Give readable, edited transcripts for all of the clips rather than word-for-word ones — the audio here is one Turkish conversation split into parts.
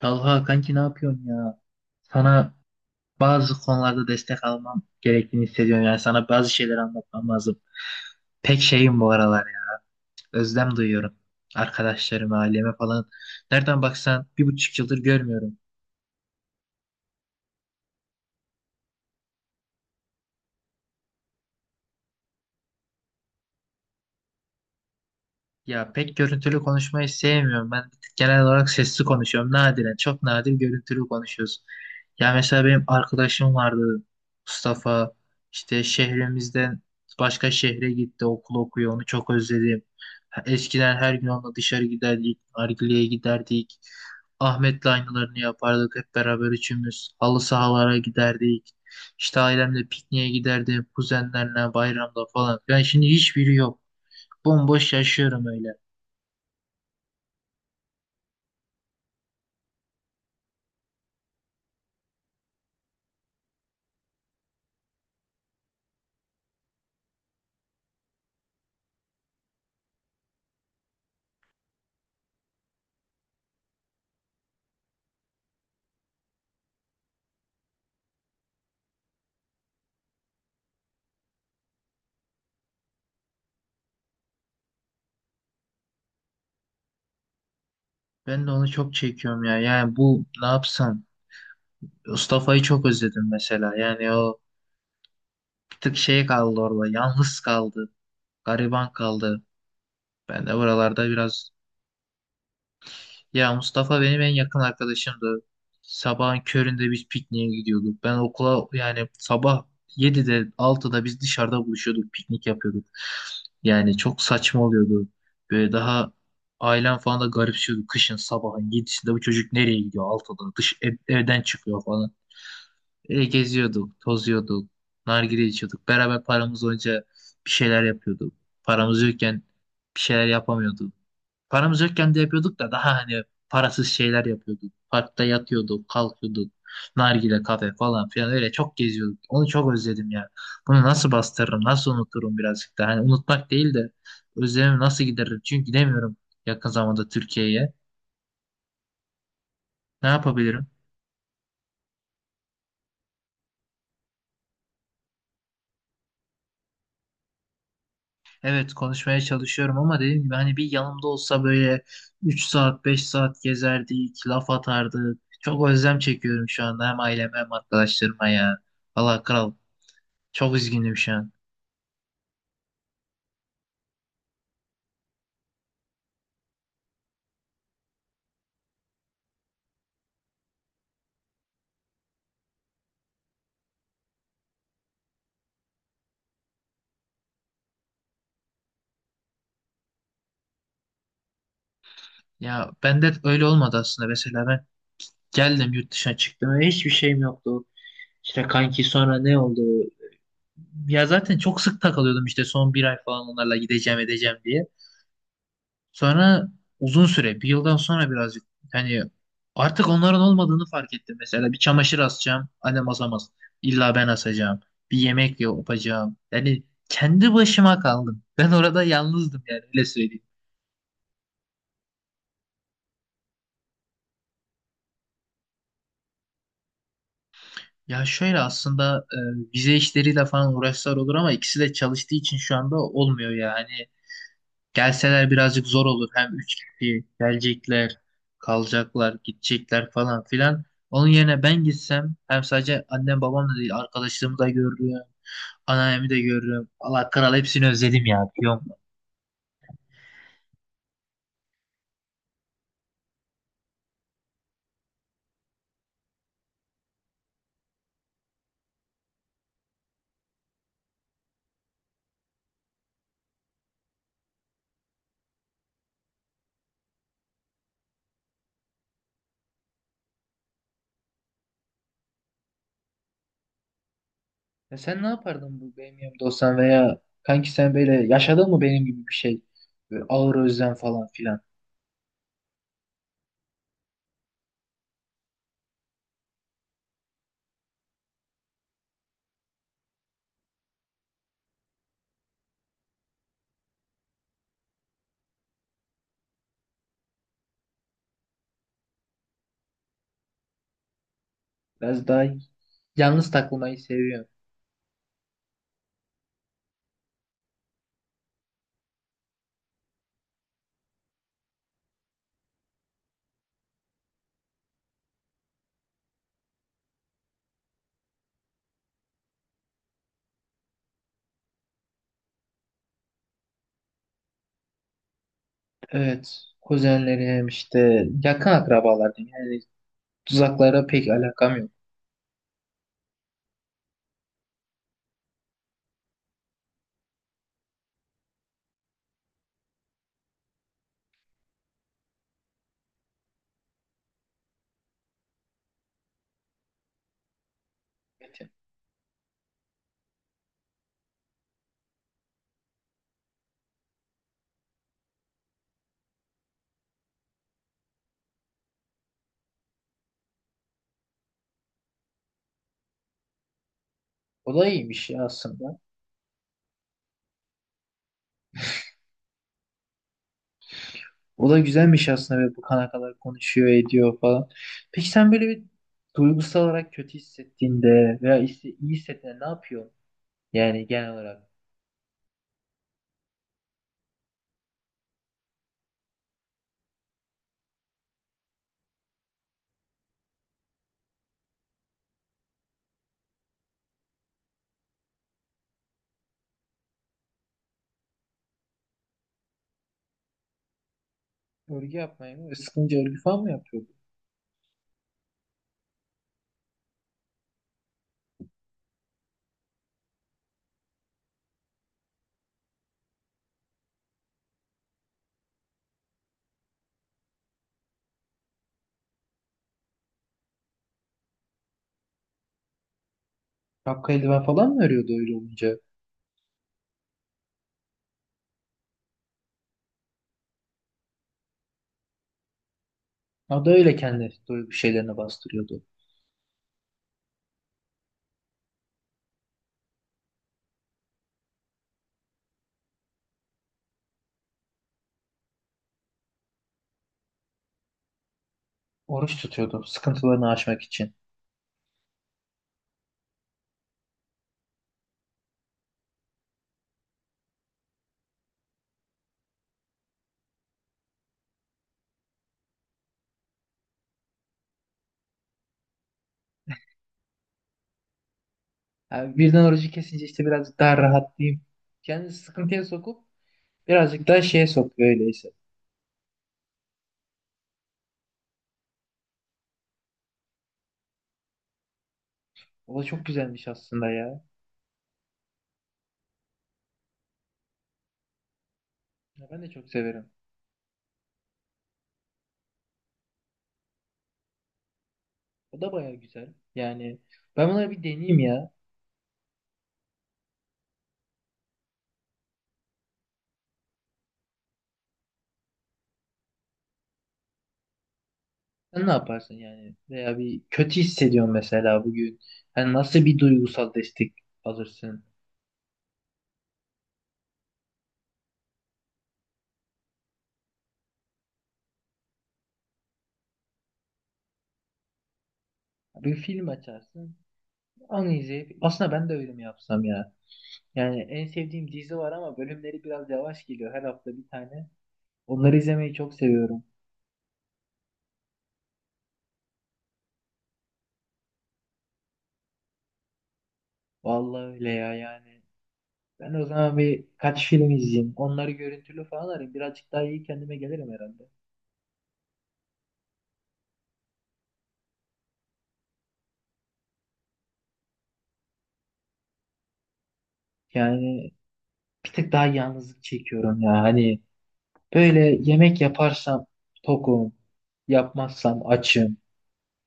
Talha kanki ne yapıyorsun ya? Sana bazı konularda destek almam gerektiğini hissediyorum. Yani sana bazı şeyler anlatmam lazım. Pek şeyim bu aralar ya. Özlem duyuyorum. Arkadaşlarıma, aileme falan. Nereden baksan 1,5 yıldır görmüyorum. Ya pek görüntülü konuşmayı sevmiyorum. Ben genel olarak sesli konuşuyorum. Nadiren, çok nadir görüntülü konuşuyoruz. Ya mesela benim arkadaşım vardı Mustafa. İşte şehrimizden başka şehre gitti, okul okuyor. Onu çok özledim. Ha, eskiden her gün onunla dışarı giderdik, nargileye giderdik. Ahmet'le aynılarını yapardık hep beraber üçümüz. Halı sahalara giderdik. İşte ailemle pikniğe giderdim, kuzenlerle bayramda falan. Yani şimdi hiçbiri yok. Bomboş yaşıyorum öyle. Ben de onu çok çekiyorum ya. Yani bu ne yapsam? Mustafa'yı çok özledim mesela. Yani o bir tık şey kaldı orada. Yalnız kaldı. Gariban kaldı. Ben de buralarda biraz... Ya Mustafa benim en yakın arkadaşımdı. Sabahın köründe biz pikniğe gidiyorduk. Ben okula yani sabah 7'de 6'da biz dışarıda buluşuyorduk. Piknik yapıyorduk. Yani çok saçma oluyordu. Böyle daha ailem falan da garipsiyordu. Kışın sabahın 7'sinde bu çocuk nereye gidiyor 6'da evden çıkıyor falan. Geziyorduk, tozuyorduk, nargile içiyorduk. Beraber paramız olunca bir şeyler yapıyorduk. Paramız yokken bir şeyler yapamıyorduk. Paramız yokken de yapıyorduk da daha hani parasız şeyler yapıyorduk. Parkta yatıyorduk, kalkıyorduk. Nargile kafe falan filan öyle çok geziyorduk. Onu çok özledim ya. Bunu nasıl bastırırım, nasıl unuturum birazcık da. Hani unutmak değil de özlemimi nasıl gideririm? Çünkü gidemiyorum yakın zamanda Türkiye'ye. Ne yapabilirim? Evet, konuşmaya çalışıyorum ama dediğim gibi hani bir yanımda olsa böyle 3 saat 5 saat gezerdik, laf atardık. Çok özlem çekiyorum şu anda hem aileme hem arkadaşlarıma ya. Valla kral çok üzgünüm şu an. Ya bende öyle olmadı aslında, mesela ben geldim yurt dışına çıktım ve hiçbir şeyim yoktu. İşte kanki sonra ne oldu? Ya zaten çok sık takılıyordum işte son bir ay falan onlarla gideceğim edeceğim diye. Sonra uzun süre, bir yıldan sonra birazcık hani artık onların olmadığını fark ettim. Mesela bir çamaşır asacağım, annem asamaz. İlla ben asacağım. Bir yemek yapacağım. Yani kendi başıma kaldım. Ben orada yalnızdım yani öyle söyleyeyim. Ya şöyle aslında vize işleriyle falan uğraşlar olur ama ikisi de çalıştığı için şu anda olmuyor yani. Gelseler birazcık zor olur. Hem üç kişi gelecekler, kalacaklar, gidecekler falan filan. Onun yerine ben gitsem hem sadece annem babam da değil arkadaşlarımı da görürüm. Anneannemi de görürüm. Allah kral hepsini özledim ya, biliyor musun? Ya sen ne yapardın bu benim yanımda olsan, veya kanki sen böyle yaşadın mı benim gibi bir şey? Böyle ağır özlem falan filan. Biraz daha yalnız takılmayı seviyorum. Evet. Kuzenlerim işte yakın akrabalar diyeyim. Yani uzaklara pek alakam yok. O da iyiymiş ya aslında. O da güzelmiş aslında ve bu kana kadar konuşuyor ediyor falan. Peki sen böyle bir duygusal olarak kötü hissettiğinde veya işte iyi hissettiğinde ne yapıyorsun? Yani genel olarak örgü yapmayı mı? Sıkınca örgü falan mı yapıyordu? Şapka eldiven falan mı örüyordu öyle olunca? O da öyle kendi duygu şeylerini bastırıyordu. Oruç tutuyordu sıkıntılarını aşmak için. Yani birden orucu kesince işte birazcık daha rahatlayayım. Kendini sıkıntıya sokup birazcık daha şeye sokuyor öyleyse. O da çok güzelmiş aslında ya. Ya ben de çok severim. O da baya güzel. Yani ben bunları bir deneyeyim ya. Sen ne yaparsın yani? Veya bir kötü hissediyorsun mesela bugün. Yani nasıl bir duygusal destek alırsın? Bir film açarsın. Onu izleyip. Aslında ben de öyle mi yapsam ya? Yani en sevdiğim dizi var ama bölümleri biraz yavaş geliyor. Her hafta bir tane. Onları izlemeyi çok seviyorum. Vallahi öyle ya yani. Ben o zaman bir kaç film izleyeyim. Onları görüntülü falan arayayım. Birazcık daha iyi kendime gelirim herhalde. Yani bir tık daha yalnızlık çekiyorum ya. Hani böyle yemek yaparsam tokum, yapmazsam açım.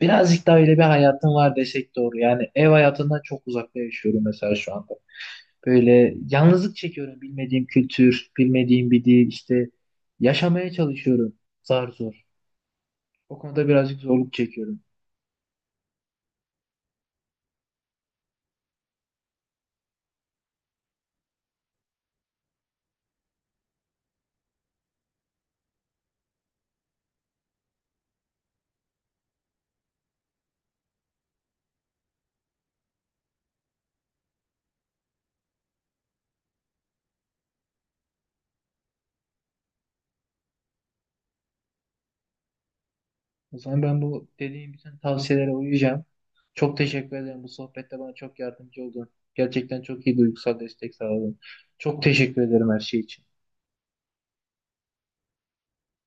Birazcık daha öyle bir hayatım var desek doğru. Yani ev hayatından çok uzakta yaşıyorum mesela şu anda. Böyle yalnızlık çekiyorum. Bilmediğim kültür, bilmediğim bir dil işte yaşamaya çalışıyorum zar zor. O konuda birazcık zorluk çekiyorum. O zaman ben bu dediğim bütün tavsiyelere uyacağım. Çok teşekkür ederim. Bu sohbette bana çok yardımcı oldun. Gerçekten çok iyi duygusal destek sağladın. Çok teşekkür ederim her şey için.